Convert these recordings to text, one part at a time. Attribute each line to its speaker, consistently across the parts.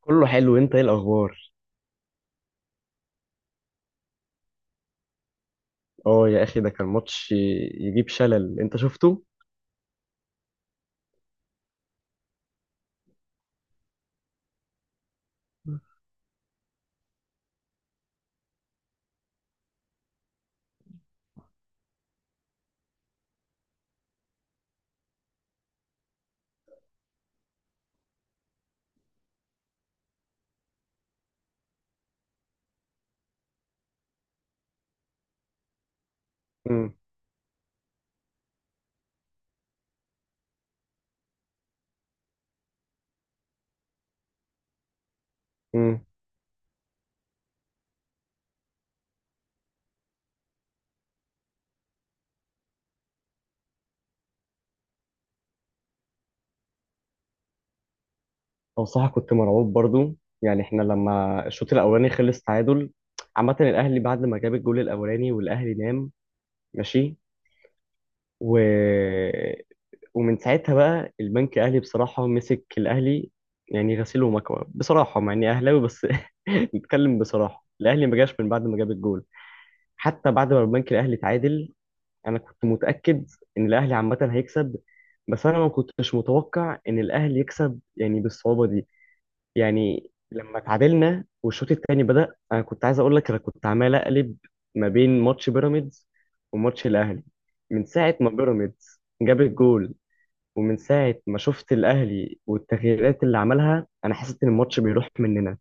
Speaker 1: كله حلو. انت ايه الاخبار؟ اه يا اخي، ده كان ماتش يجيب شلل، انت شفته؟ امم. امم. او صح، كنت مرعوب برضو. يعني احنا لما الشوط الاولاني خلص تعادل، عامه الاهلي بعد ما جاب الجول الاولاني والاهلي نام. ماشي. و... ومن ساعتها بقى البنك الاهلي بصراحه مسك الاهلي، يعني غسيل ومكوى بصراحه، مع اني اهلاوي بس. نتكلم بصراحه، الاهلي ما جاش من بعد ما جاب الجول، حتى بعد ما البنك الاهلي تعادل. انا كنت متاكد ان الاهلي عامه هيكسب، بس انا ما كنتش متوقع ان الاهلي يكسب يعني بالصعوبه دي. يعني لما تعادلنا والشوط الثاني بدا، انا كنت عايز اقول لك انا كنت عمال اقلب ما بين ماتش بيراميدز وماتش الاهلي. من ساعه ما بيراميدز جاب الجول ومن ساعه ما شفت الاهلي والتغييرات اللي عملها، انا حسيت ان الماتش بيروح مننا.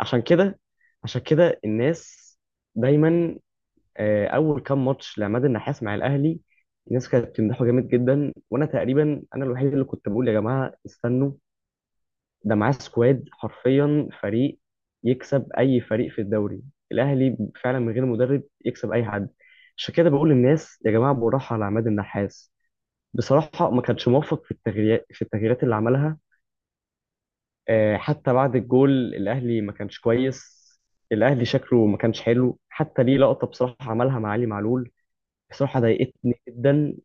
Speaker 1: عشان كده، الناس دايما، اول كام ماتش لعماد النحاس مع الاهلي، الناس كانت بتمدحه جامد جدا، وانا تقريبا انا الوحيد اللي كنت بقول يا جماعه استنوا، ده معاه سكواد حرفيا فريق يكسب اي فريق في الدوري. الاهلي فعلا من غير مدرب يكسب اي حد. عشان كده بقول للناس يا جماعه بالراحه على عماد النحاس. بصراحه ما كانش موفق في التغييرات، اللي عملها. حتى بعد الجول الاهلي ما كانش كويس. الاهلي شكله ما كانش حلو. حتى ليه لقطه بصراحه عملها مع علي معلول، بصراحة ضايقتني جدا.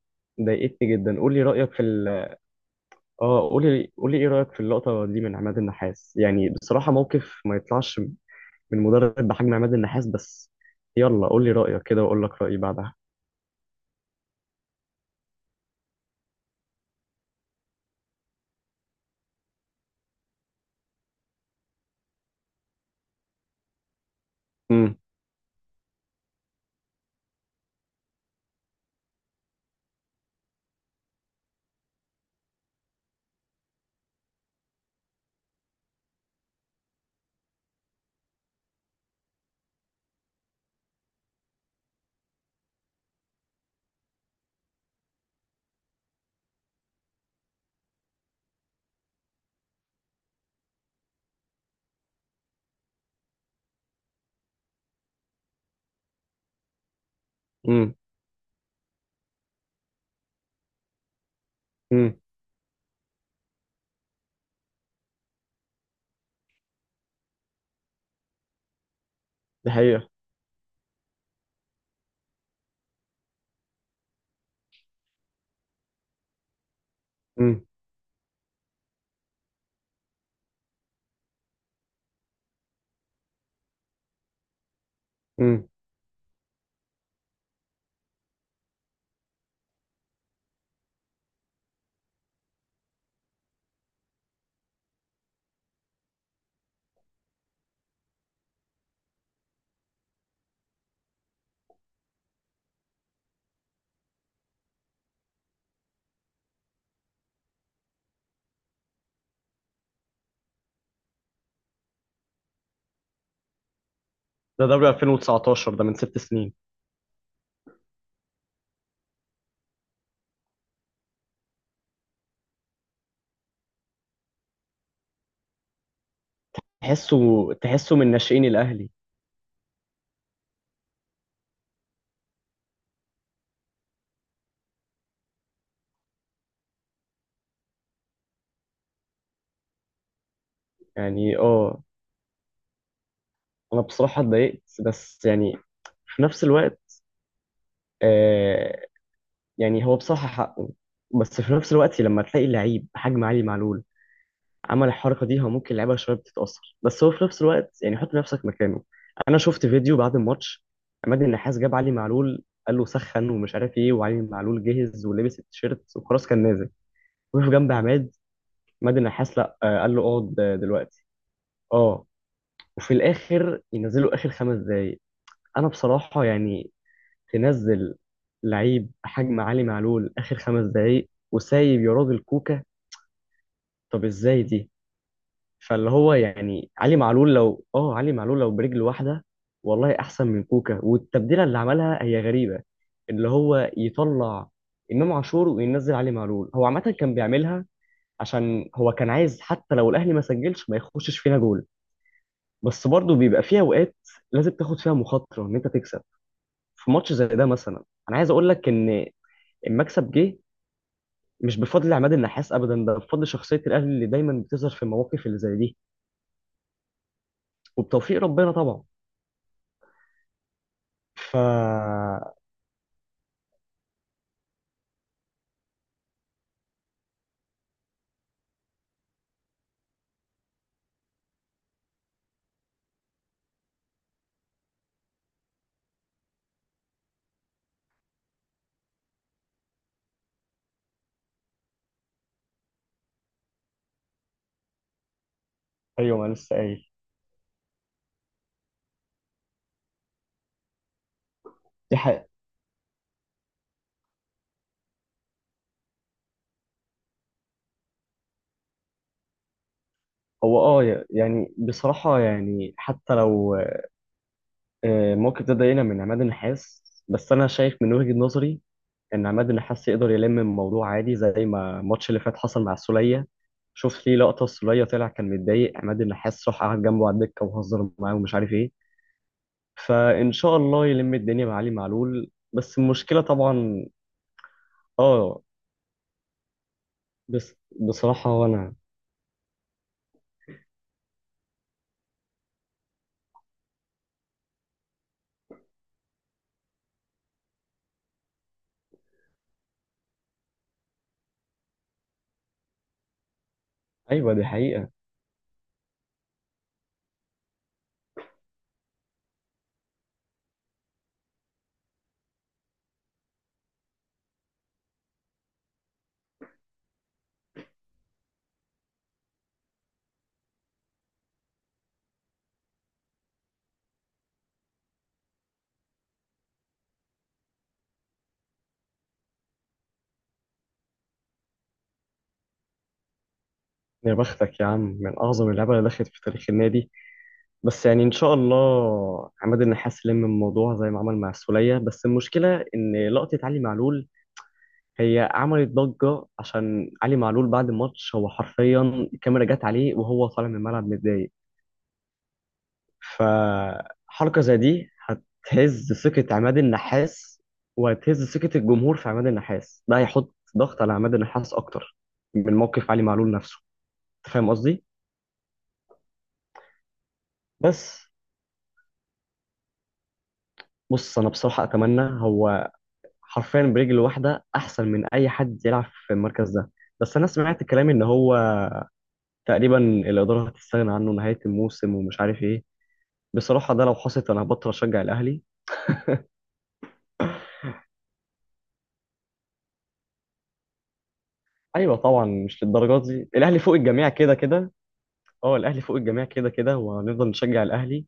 Speaker 1: ضايقتني جدا. قول لي رأيك في ال... اه، قول لي، قول لي ايه رأيك في اللقطة دي من عماد النحاس؟ يعني بصراحة موقف ما يطلعش من مدرب بحجم عماد النحاس. بس يلا قول لي رأيك كده واقول لك رأيي بعدها. امم. امم. امم. دي حقيقة. امم. امم. ده دوري 2019، ده من 6 سنين. تحسه تحسه من ناشئين الأهلي. يعني اه، انا بصراحة اتضايقت، بس يعني في نفس الوقت، آه، يعني هو بصراحة حقه، بس في نفس الوقت لما تلاقي لعيب حجم علي معلول عمل الحركة دي، هو ممكن اللعيبة شوية بتتأثر، بس هو في نفس الوقت يعني حط نفسك مكانه. أنا شفت فيديو بعد الماتش، عماد النحاس جاب علي معلول قال له سخن ومش عارف ايه، وعلي معلول جهز ولبس التيشيرت وخلاص كان نازل، وقف جنب عماد. عماد النحاس لا، قال له اقعد دلوقتي. اه. وفي الآخر ينزلوا آخر 5 دقايق. أنا بصراحة يعني تنزل لعيب حجم علي معلول اخر 5 دقايق وسايب يا راجل كوكا؟ طب ازاي دي؟ فاللي هو يعني علي معلول لو، برجل واحده والله احسن من كوكا. والتبديله اللي عملها هي غريبه، اللي هو يطلع امام عاشور وينزل علي معلول. هو عامه كان بيعملها عشان هو كان عايز حتى لو الاهلي ما سجلش ما يخشش فينا جول، بس برضه بيبقى فيها اوقات لازم تاخد فيها مخاطره ان انت تكسب في ماتش زي ده مثلا. انا عايز اقول لك ان المكسب جه مش بفضل عماد النحاس ابدا، ده بفضل شخصيه الاهلي اللي دايما بتظهر في المواقف اللي زي دي، وبتوفيق ربنا طبعا. ف ايوه، ما أنا لسه قايل. دي حقيقة. هو اه يعني بصراحه، يعني حتى لو موقف ده ضايقنا من عماد النحاس، بس انا شايف من وجهه نظري ان عماد النحاس يقدر يلم الموضوع عادي، زي ما الماتش اللي فات حصل مع السوليه. شوف ليه لقطه السوليه طلع كان متضايق، عماد النحاس راح قعد جنبه على الدكه وهزر معاه ومش عارف ايه. فإن شاء الله يلم الدنيا بعلي معلول، بس المشكلة طبعا... آه. بس بصراحة وأنا... أيوة، دي حقيقة. يا بختك يا عم، من أعظم اللعيبة اللي دخلت في تاريخ النادي. بس يعني إن شاء الله عماد النحاس لم الموضوع زي ما عمل مع السولية، بس المشكلة إن لقطة علي معلول هي عملت ضجة، عشان علي معلول بعد الماتش هو حرفيا الكاميرا جت عليه وهو طالع من الملعب متضايق. فحركة زي دي هتهز ثقة عماد النحاس وهتهز ثقة الجمهور في عماد النحاس. ده هيحط ضغط على عماد النحاس أكتر من موقف علي معلول نفسه. أنت فاهم قصدي؟ بس بص، أنا بصراحة أتمنى هو حرفيا برجل واحدة أحسن من أي حد يلعب في المركز ده. بس أنا سمعت كلام إن هو تقريبا الإدارة هتستغنى عنه نهاية الموسم، ومش عارف إيه. بصراحة ده لو حصلت أنا هبطل أشجع الأهلي. أيوة طبعا، مش للدرجات دي، الأهلي فوق الجميع كده كده. اه، الاهلي فوق الجميع كده كده، وهنفضل نشجع الاهلي،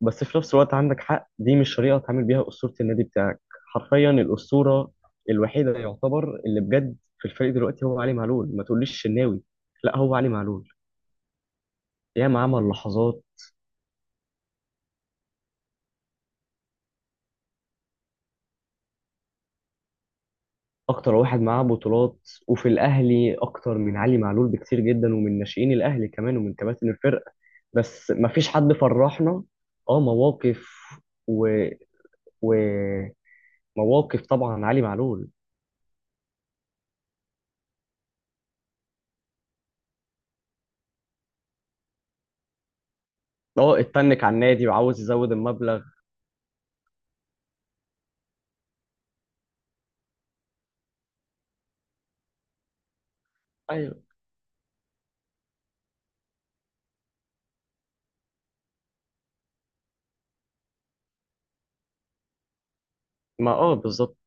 Speaker 1: بس في نفس الوقت عندك حق، دي مش طريقه تعمل بيها اسطوره النادي بتاعك. حرفيا الاسطوره الوحيده يعتبر اللي بجد في الفريق دلوقتي هو علي معلول. ما تقوليش الشناوي، لا، هو علي معلول. ياما عمل لحظات. اكتر واحد معاه بطولات وفي الاهلي اكتر من علي معلول بكتير جدا، ومن ناشئين الاهلي كمان ومن كباتن الفرقه، بس ما فيش حد فرحنا. اه، مواقف. و... ومواقف. طبعا علي معلول. اه، اتنك على النادي وعاوز يزود المبلغ. ايوه، ما اه بالظبط.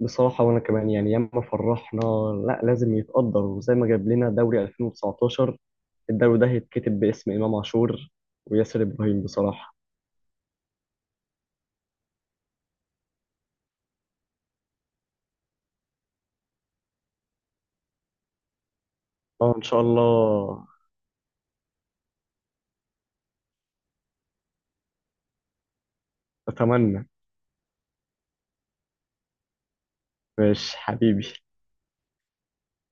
Speaker 1: بصراحة وانا كمان يعني ياما فرحنا، لا لازم يتقدر، وزي ما جاب لنا دوري 2019، الدوري ده هيتكتب باسم امام عاشور وياسر ابراهيم بصراحة. اه، ان شاء الله. اتمنى. ماشي حبيبي.